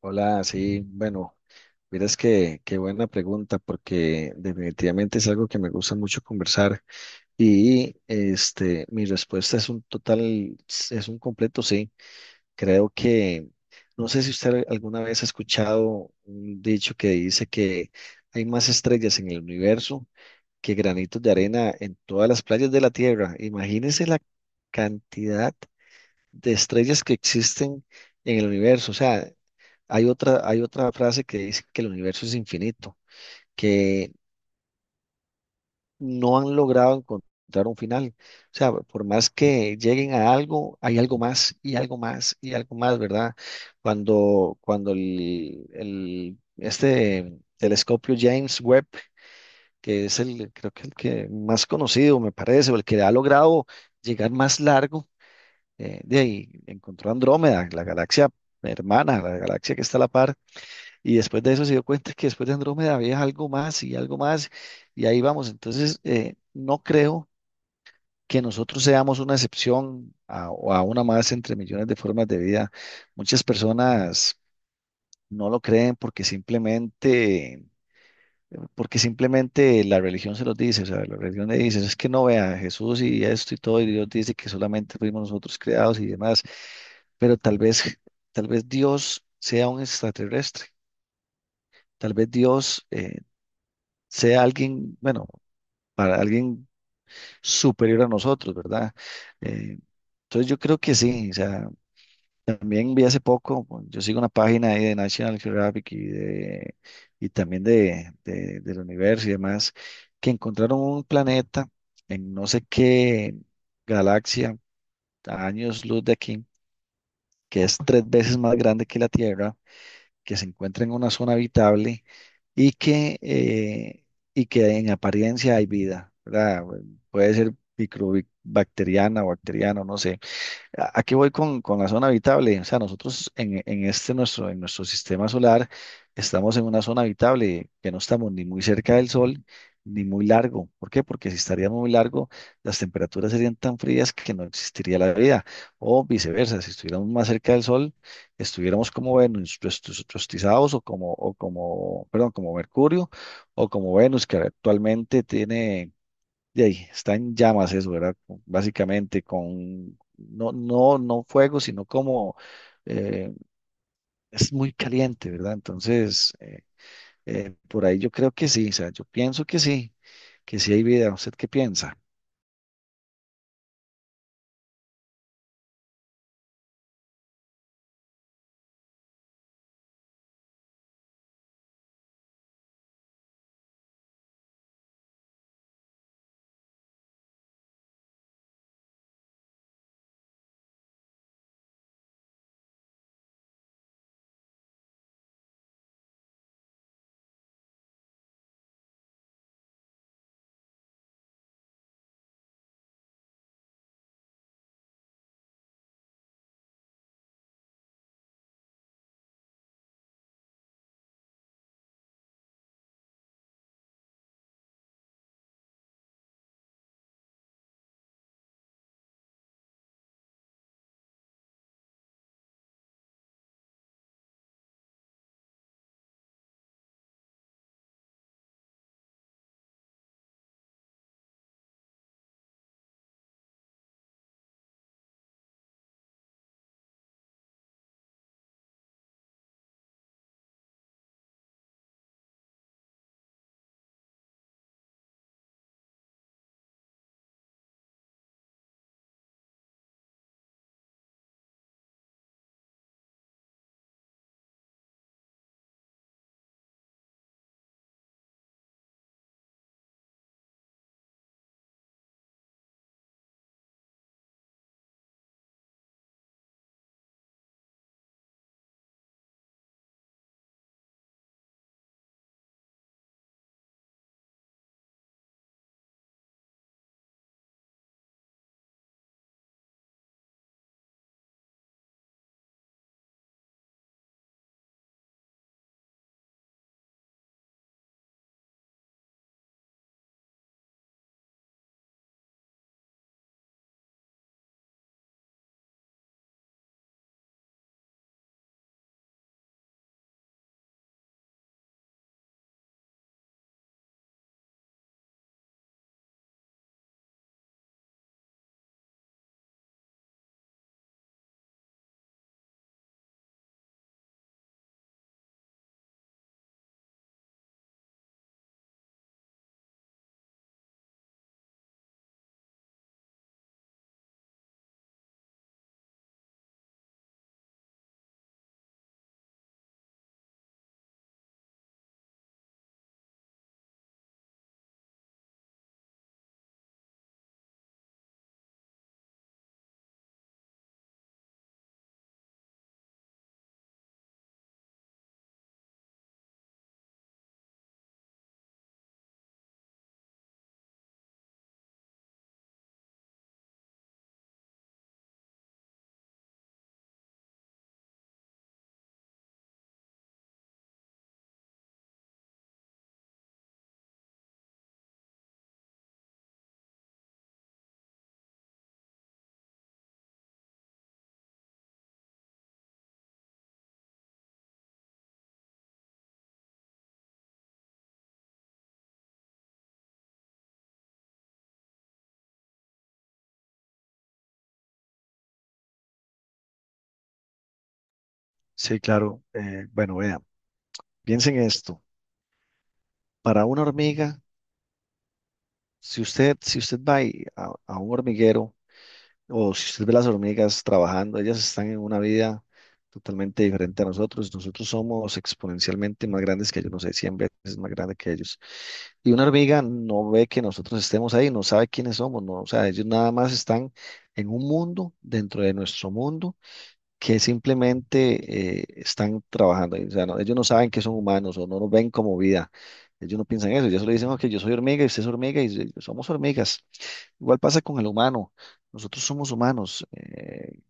Hola, sí, bueno, miras que qué buena pregunta porque definitivamente es algo que me gusta mucho conversar y este mi respuesta es un total, es un completo sí. Creo que no sé si usted alguna vez ha escuchado un dicho que dice que hay más estrellas en el universo que granitos de arena en todas las playas de la Tierra. Imagínese la cantidad de estrellas que existen en el universo. O sea, hay otra frase que dice que el universo es infinito, que no han logrado encontrar un final. O sea, por más que lleguen a algo, hay algo más y algo más y algo más, ¿verdad? Cuando este telescopio James Webb, que es el, creo que el que más conocido me parece, o el que ha logrado llegar más largo de ahí encontró Andrómeda, la galaxia hermana, la galaxia que está a la par, y después de eso se dio cuenta que después de Andrómeda había algo más, y ahí vamos. Entonces, no creo que nosotros seamos una excepción a, o a una más entre millones de formas de vida. Muchas personas no lo creen porque simplemente la religión se los dice, o sea, la religión le dice, es que no vea Jesús y esto y todo, y Dios dice que solamente fuimos nosotros creados y demás. Pero tal vez Dios sea un extraterrestre, tal vez Dios sea alguien, bueno, para alguien superior a nosotros, ¿verdad? Eh, entonces yo creo que sí, o sea, también vi hace poco, bueno, yo sigo una página ahí de National Geographic y, de, y también del universo y demás, que encontraron un planeta en no sé qué galaxia, a años luz de aquí, que es tres veces más grande que la Tierra, que se encuentra en una zona habitable y que, eh, y que en apariencia hay vida, ¿verdad? Puede ser microbacteriana o bacteriana, no sé a qué voy con la zona habitable. O sea, nosotros en este nuestro, en nuestro sistema solar estamos en una zona habitable que no estamos ni muy cerca del sol ni muy largo. ¿Por qué? Porque si estaríamos muy largo, las temperaturas serían tan frías que no existiría la vida. O viceversa, si estuviéramos más cerca del sol, estuviéramos como Venus, rostizados o como, perdón, como Mercurio o como Venus, que actualmente tiene de ahí, está en llamas eso, ¿verdad? Básicamente con, no, no, no fuego, sino como eh, es muy caliente, ¿verdad? Entonces, por ahí yo creo que sí, o sea, yo pienso que sí hay vida. ¿Usted qué piensa? Sí, claro. Bueno, vean, piensen esto. Para una hormiga, si usted, si usted va y a un hormiguero, o si usted ve las hormigas trabajando, ellas están en una vida totalmente diferente a nosotros. Nosotros somos exponencialmente más grandes que ellos, no sé, 100 veces más grandes que ellos. Y una hormiga no ve que nosotros estemos ahí, no sabe quiénes somos, no, o sea, ellos nada más están en un mundo dentro de nuestro mundo que simplemente están trabajando. Ahí. O sea, ellos no saben que son humanos o no nos ven como vida. Ellos no piensan eso, ellos solo dicen, ok, yo soy hormiga y usted es hormiga y somos hormigas. Igual pasa con el humano. Nosotros somos humanos.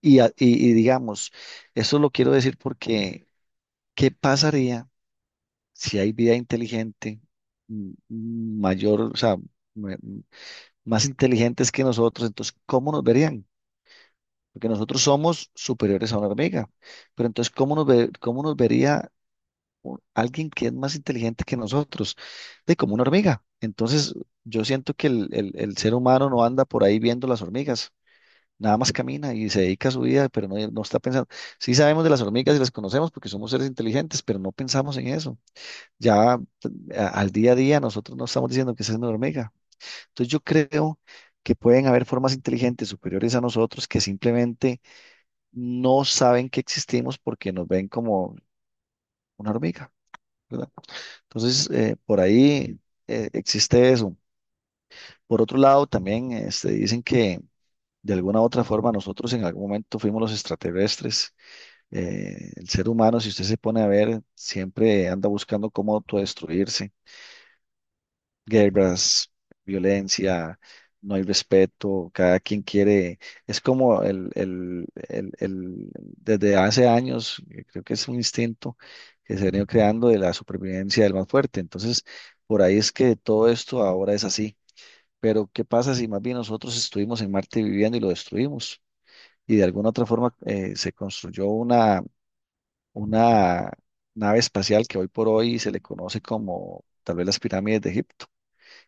Y, y digamos, eso lo quiero decir porque, ¿qué pasaría si hay vida inteligente mayor, o sea, me- mm, más inteligentes que nosotros? Entonces, ¿cómo nos verían? Porque nosotros somos superiores a una hormiga. Pero entonces, ¿cómo nos vería alguien que es más inteligente que nosotros? De como una hormiga. Entonces, yo siento que el ser humano no anda por ahí viendo las hormigas. Nada más camina y se dedica a su vida, pero no, no está pensando. Sí sabemos de las hormigas y las conocemos porque somos seres inteligentes, pero no pensamos en eso. Ya al día a día nosotros no estamos diciendo que esa es una hormiga. Entonces yo creo que pueden haber formas inteligentes superiores a nosotros que simplemente no saben que existimos porque nos ven como una hormiga, ¿verdad? Entonces por ahí existe eso. Por otro lado, también este, dicen que de alguna u otra forma nosotros en algún momento fuimos los extraterrestres. El ser humano, si usted se pone a ver, siempre anda buscando cómo autodestruirse. Guerras, violencia, no hay respeto, cada quien quiere. Es como desde hace años, creo que es un instinto que se ha venido creando de la supervivencia del más fuerte. Entonces, por ahí es que todo esto ahora es así. Pero, ¿qué pasa si más bien nosotros estuvimos en Marte viviendo y lo destruimos? Y de alguna otra forma se construyó una nave espacial que hoy por hoy se le conoce como tal vez las pirámides de Egipto,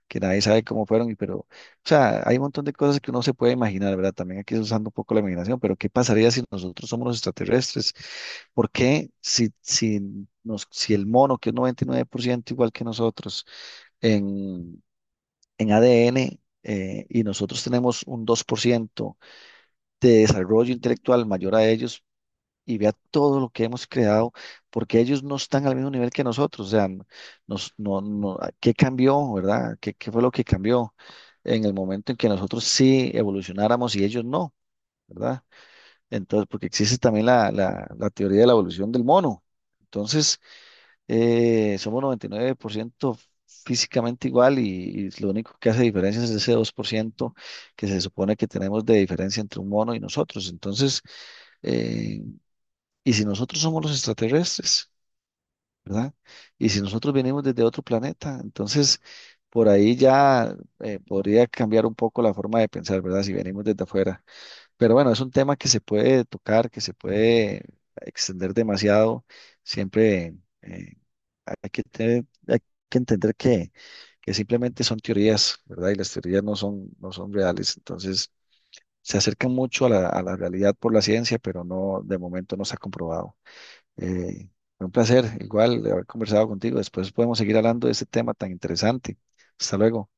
que nadie sabe cómo fueron, y pero, o sea, hay un montón de cosas que uno se puede imaginar, ¿verdad? También aquí usando un poco la imaginación, pero ¿qué pasaría si nosotros somos los extraterrestres? ¿Por qué si el mono, que es 99% igual que nosotros en, en ADN, y nosotros tenemos un 2% de desarrollo intelectual mayor a ellos, y vea todo lo que hemos creado, porque ellos no están al mismo nivel que nosotros, o sea, n- nos, no, no, ah, ¿qué cambió, verdad? ¿Qué, qué fue lo que cambió en el momento en que nosotros sí evolucionáramos y ellos no, ¿verdad? Entonces, porque existe también la teoría de la evolución del mono. Entonces, somos 99% físicamente igual y lo único que hace diferencia es ese 2% que se supone que tenemos de diferencia entre un mono y nosotros. Entonces, eh, y si nosotros somos los extraterrestres, ¿verdad? Y si nosotros venimos desde otro planeta, entonces por ahí ya podría cambiar un poco la forma de pensar, ¿verdad? Si venimos desde afuera. Pero bueno, es un tema que se puede tocar, que se puede extender demasiado. Siempre eh, hay que entender que simplemente son teorías, ¿verdad? Y las teorías no son, no son reales. Entonces se acercan mucho a la realidad por la ciencia, pero no, de momento no se ha comprobado. Eh, Fue un placer, igual, de haber conversado contigo. Después podemos seguir hablando de este tema tan interesante. Hasta luego.